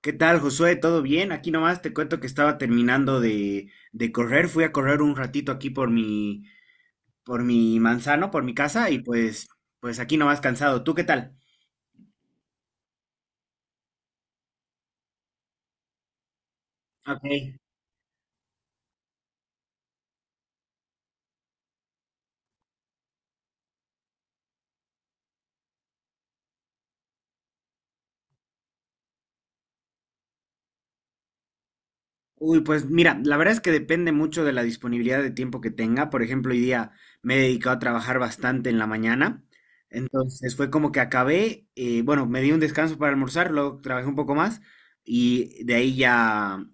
¿Qué tal, Josué? ¿Todo bien? Aquí nomás te cuento que estaba terminando de correr. Fui a correr un ratito aquí por mi manzano, por mi casa, y pues aquí nomás cansado. ¿Tú qué tal? Ok. Uy, pues mira, la verdad es que depende mucho de la disponibilidad de tiempo que tenga. Por ejemplo, hoy día me he dedicado a trabajar bastante en la mañana. Entonces fue como que acabé, bueno, me di un descanso para almorzar, luego trabajé un poco más y de ahí ya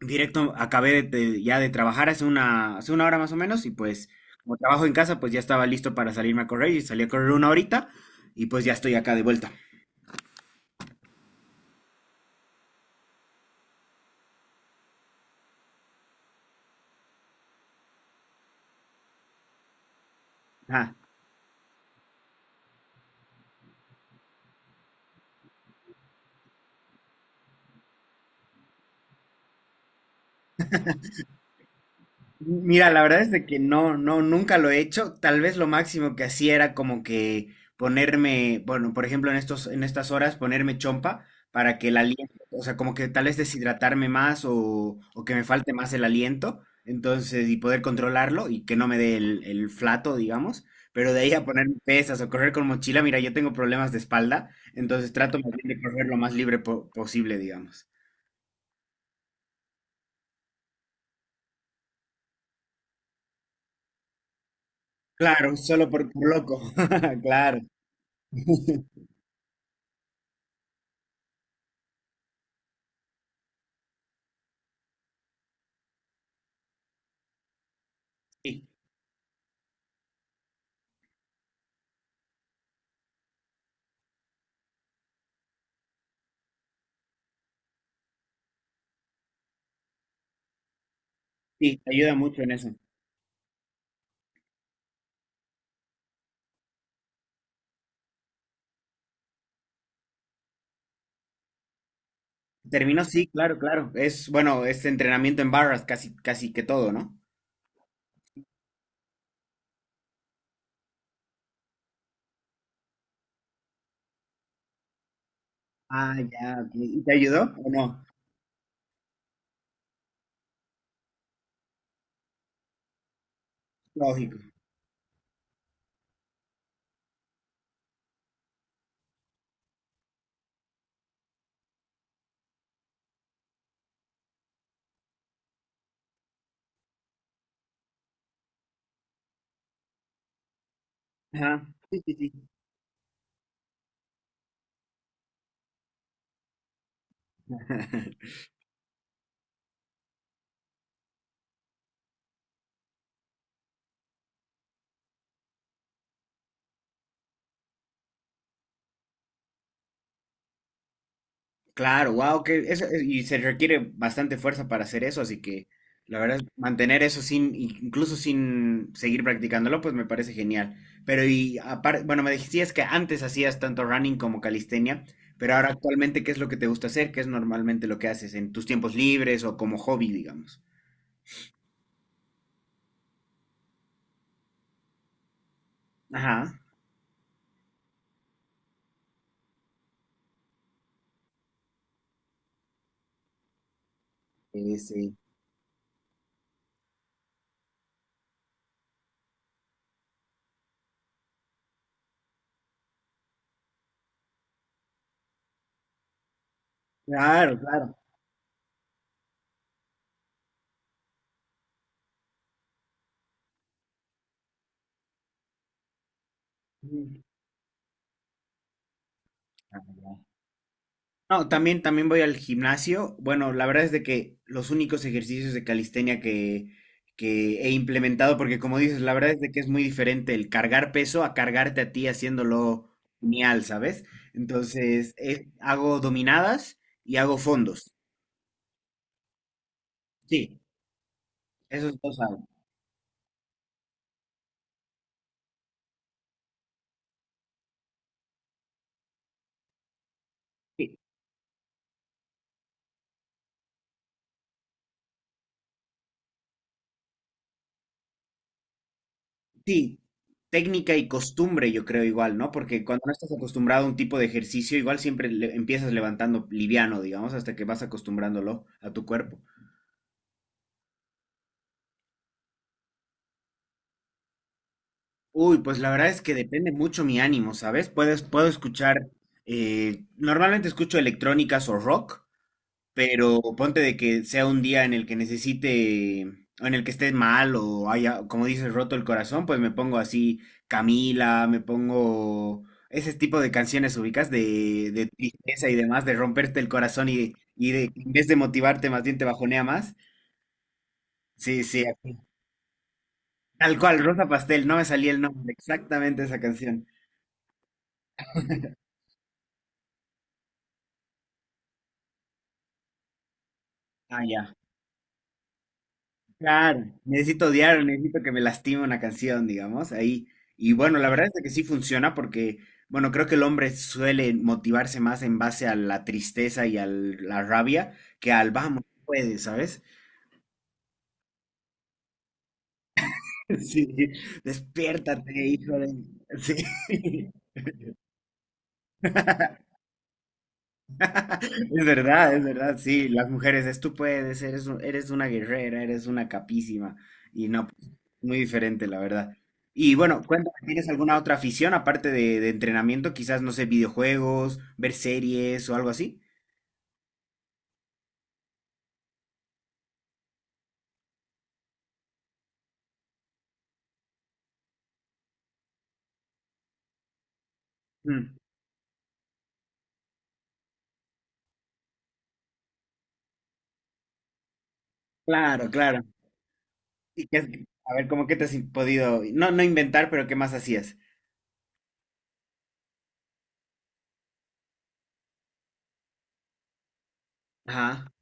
directo, acabé de, ya de trabajar hace una hora más o menos y pues como trabajo en casa, pues ya estaba listo para salirme a correr y salí a correr una horita y pues ya estoy acá de vuelta. Ajá. Mira, la verdad es de que no, no, nunca lo he hecho. Tal vez lo máximo que hacía era como que ponerme, bueno, por ejemplo, en estos, en estas horas, ponerme chompa para que el aliento, o sea, como que tal vez deshidratarme más o que me falte más el aliento, entonces, y poder controlarlo y que no me dé el flato, digamos. Pero de ahí a poner pesas o correr con mochila, mira, yo tengo problemas de espalda, entonces trato más bien de correr lo más libre posible, digamos. Claro, solo por loco. Claro. Sí, te ayuda mucho en eso. Terminó, sí, claro, claro. Es, bueno, es entrenamiento en barras casi, casi que todo, ¿no? Ah, ya, ok. ¿Y te ayudó o no? Lógico. Ajá. Sí, sí, sí. Claro, wow, que eso, y se requiere bastante fuerza para hacer eso, así que la verdad, mantener eso sin, incluso sin seguir practicándolo, pues me parece genial. Pero y aparte, bueno, me decías que antes hacías tanto running como calistenia, pero ahora actualmente, ¿qué es lo que te gusta hacer? ¿Qué es normalmente lo que haces en tus tiempos libres o como hobby, digamos? Ajá. Sí, sí. Claro, claro. Mm. No, también, también voy al gimnasio. Bueno, la verdad es de que los únicos ejercicios de calistenia que he implementado, porque como dices, la verdad es de que es muy diferente el cargar peso a cargarte a ti haciéndolo genial, ¿sabes? Entonces, hago dominadas y hago fondos. Sí, esos dos hago. Sí, sí, técnica y costumbre, yo creo igual, ¿no? Porque cuando no estás acostumbrado a un tipo de ejercicio, igual siempre empiezas levantando liviano, digamos, hasta que vas acostumbrándolo a tu cuerpo. Uy, pues la verdad es que depende mucho mi ánimo, ¿sabes? Puedes, puedo escuchar, normalmente escucho electrónicas o rock, pero ponte de que sea un día en el que necesite, o en el que esté mal o haya, como dices, roto el corazón, pues me pongo así Camila, me pongo ese tipo de canciones ubicas de tristeza y demás, de romperte el corazón y de, en vez de motivarte, más bien te bajonea más. Sí, sí, así. Tal cual, Rosa Pastel, no me salía el nombre, exactamente esa canción. Ah, ya. Claro, necesito odiar, necesito que me lastime una canción, digamos, ahí. Y bueno, la verdad es que sí funciona porque, bueno, creo que el hombre suele motivarse más en base a la tristeza y a la rabia que al vamos, puedes, ¿sabes? Sí, despiértate, hijo de... Sí, es verdad, sí, las mujeres es tú puedes, eres, eres una guerrera, eres una capísima y no muy diferente, la verdad. Y bueno, cuéntame, ¿tienes alguna otra afición aparte de entrenamiento? Quizás, no sé, videojuegos, ver series o algo así. Mm, claro, claro. Y a ver, ¿cómo que te has podido, no, no inventar, pero qué más hacías? Ajá.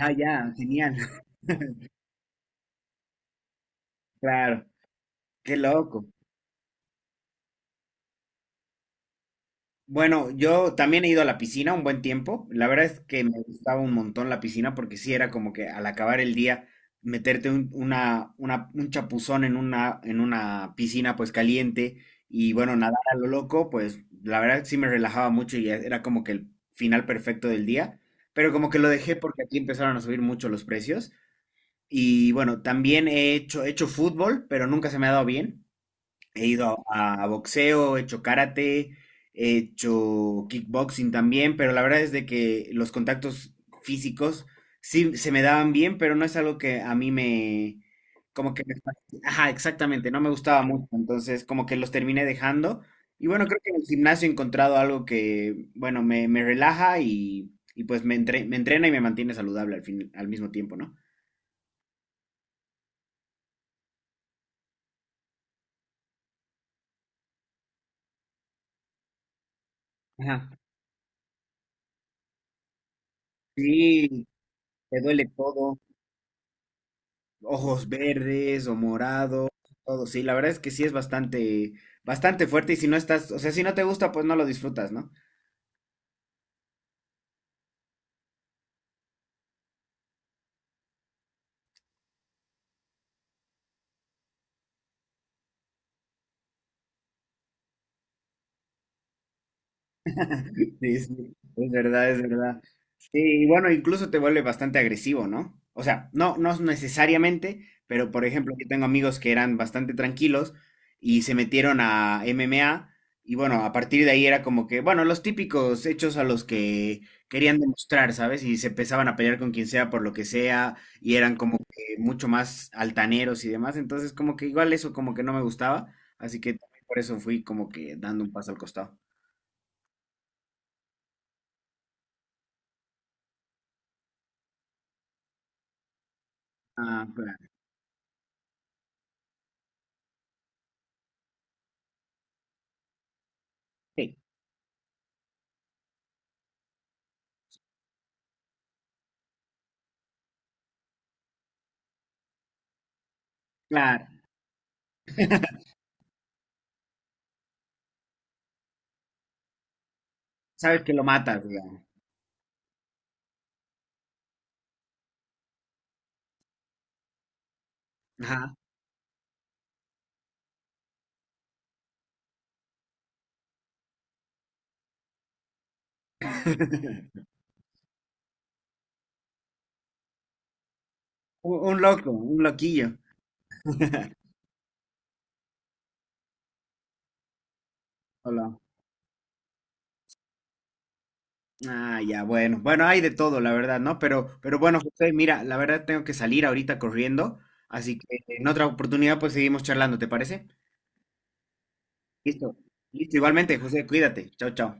Ah, ya, genial. Claro, qué loco. Bueno, yo también he ido a la piscina un buen tiempo. La verdad es que me gustaba un montón la piscina porque sí era como que al acabar el día meterte un chapuzón en en una piscina pues caliente y bueno, nadar a lo loco, pues la verdad sí me relajaba mucho y era como que el final perfecto del día. Pero como que lo dejé porque aquí empezaron a subir mucho los precios. Y bueno, también he hecho fútbol, pero nunca se me ha dado bien. He ido a boxeo, he hecho karate, he hecho kickboxing también, pero la verdad es de que los contactos físicos sí se me daban bien, pero no es algo que a mí me, como que me, ajá, exactamente, no me gustaba mucho, entonces como que los terminé dejando. Y bueno, creo que en el gimnasio he encontrado algo que, bueno, me relaja y pues me, me entrena y me mantiene saludable al fin, al mismo tiempo, ¿no? Ajá. Sí, te duele todo. Ojos verdes o morados, todo. Sí, la verdad es que sí es bastante, bastante fuerte y si no estás, o sea, si no te gusta, pues no lo disfrutas, ¿no? Sí, sí, es verdad, es verdad. Sí, y bueno, incluso te vuelve bastante agresivo, ¿no? O sea, no, no necesariamente, pero por ejemplo, yo tengo amigos que eran bastante tranquilos y se metieron a MMA y bueno, a partir de ahí era como que, bueno, los típicos hechos a los que querían demostrar, ¿sabes? Y se empezaban a pelear con quien sea por lo que sea y eran como que mucho más altaneros y demás, entonces como que igual eso como que no me gustaba, así que también por eso fui como que dando un paso al costado. Ah, claro. Claro, sabes que lo matas, digamos. Ajá. Un loco, un loquillo. Hola. Ah, ya, bueno. Bueno, hay de todo, la verdad, ¿no? Pero bueno, José, mira, la verdad tengo que salir ahorita corriendo, así que en otra oportunidad pues seguimos charlando, ¿te parece? Listo. Listo, igualmente, José, cuídate. Chao, chao.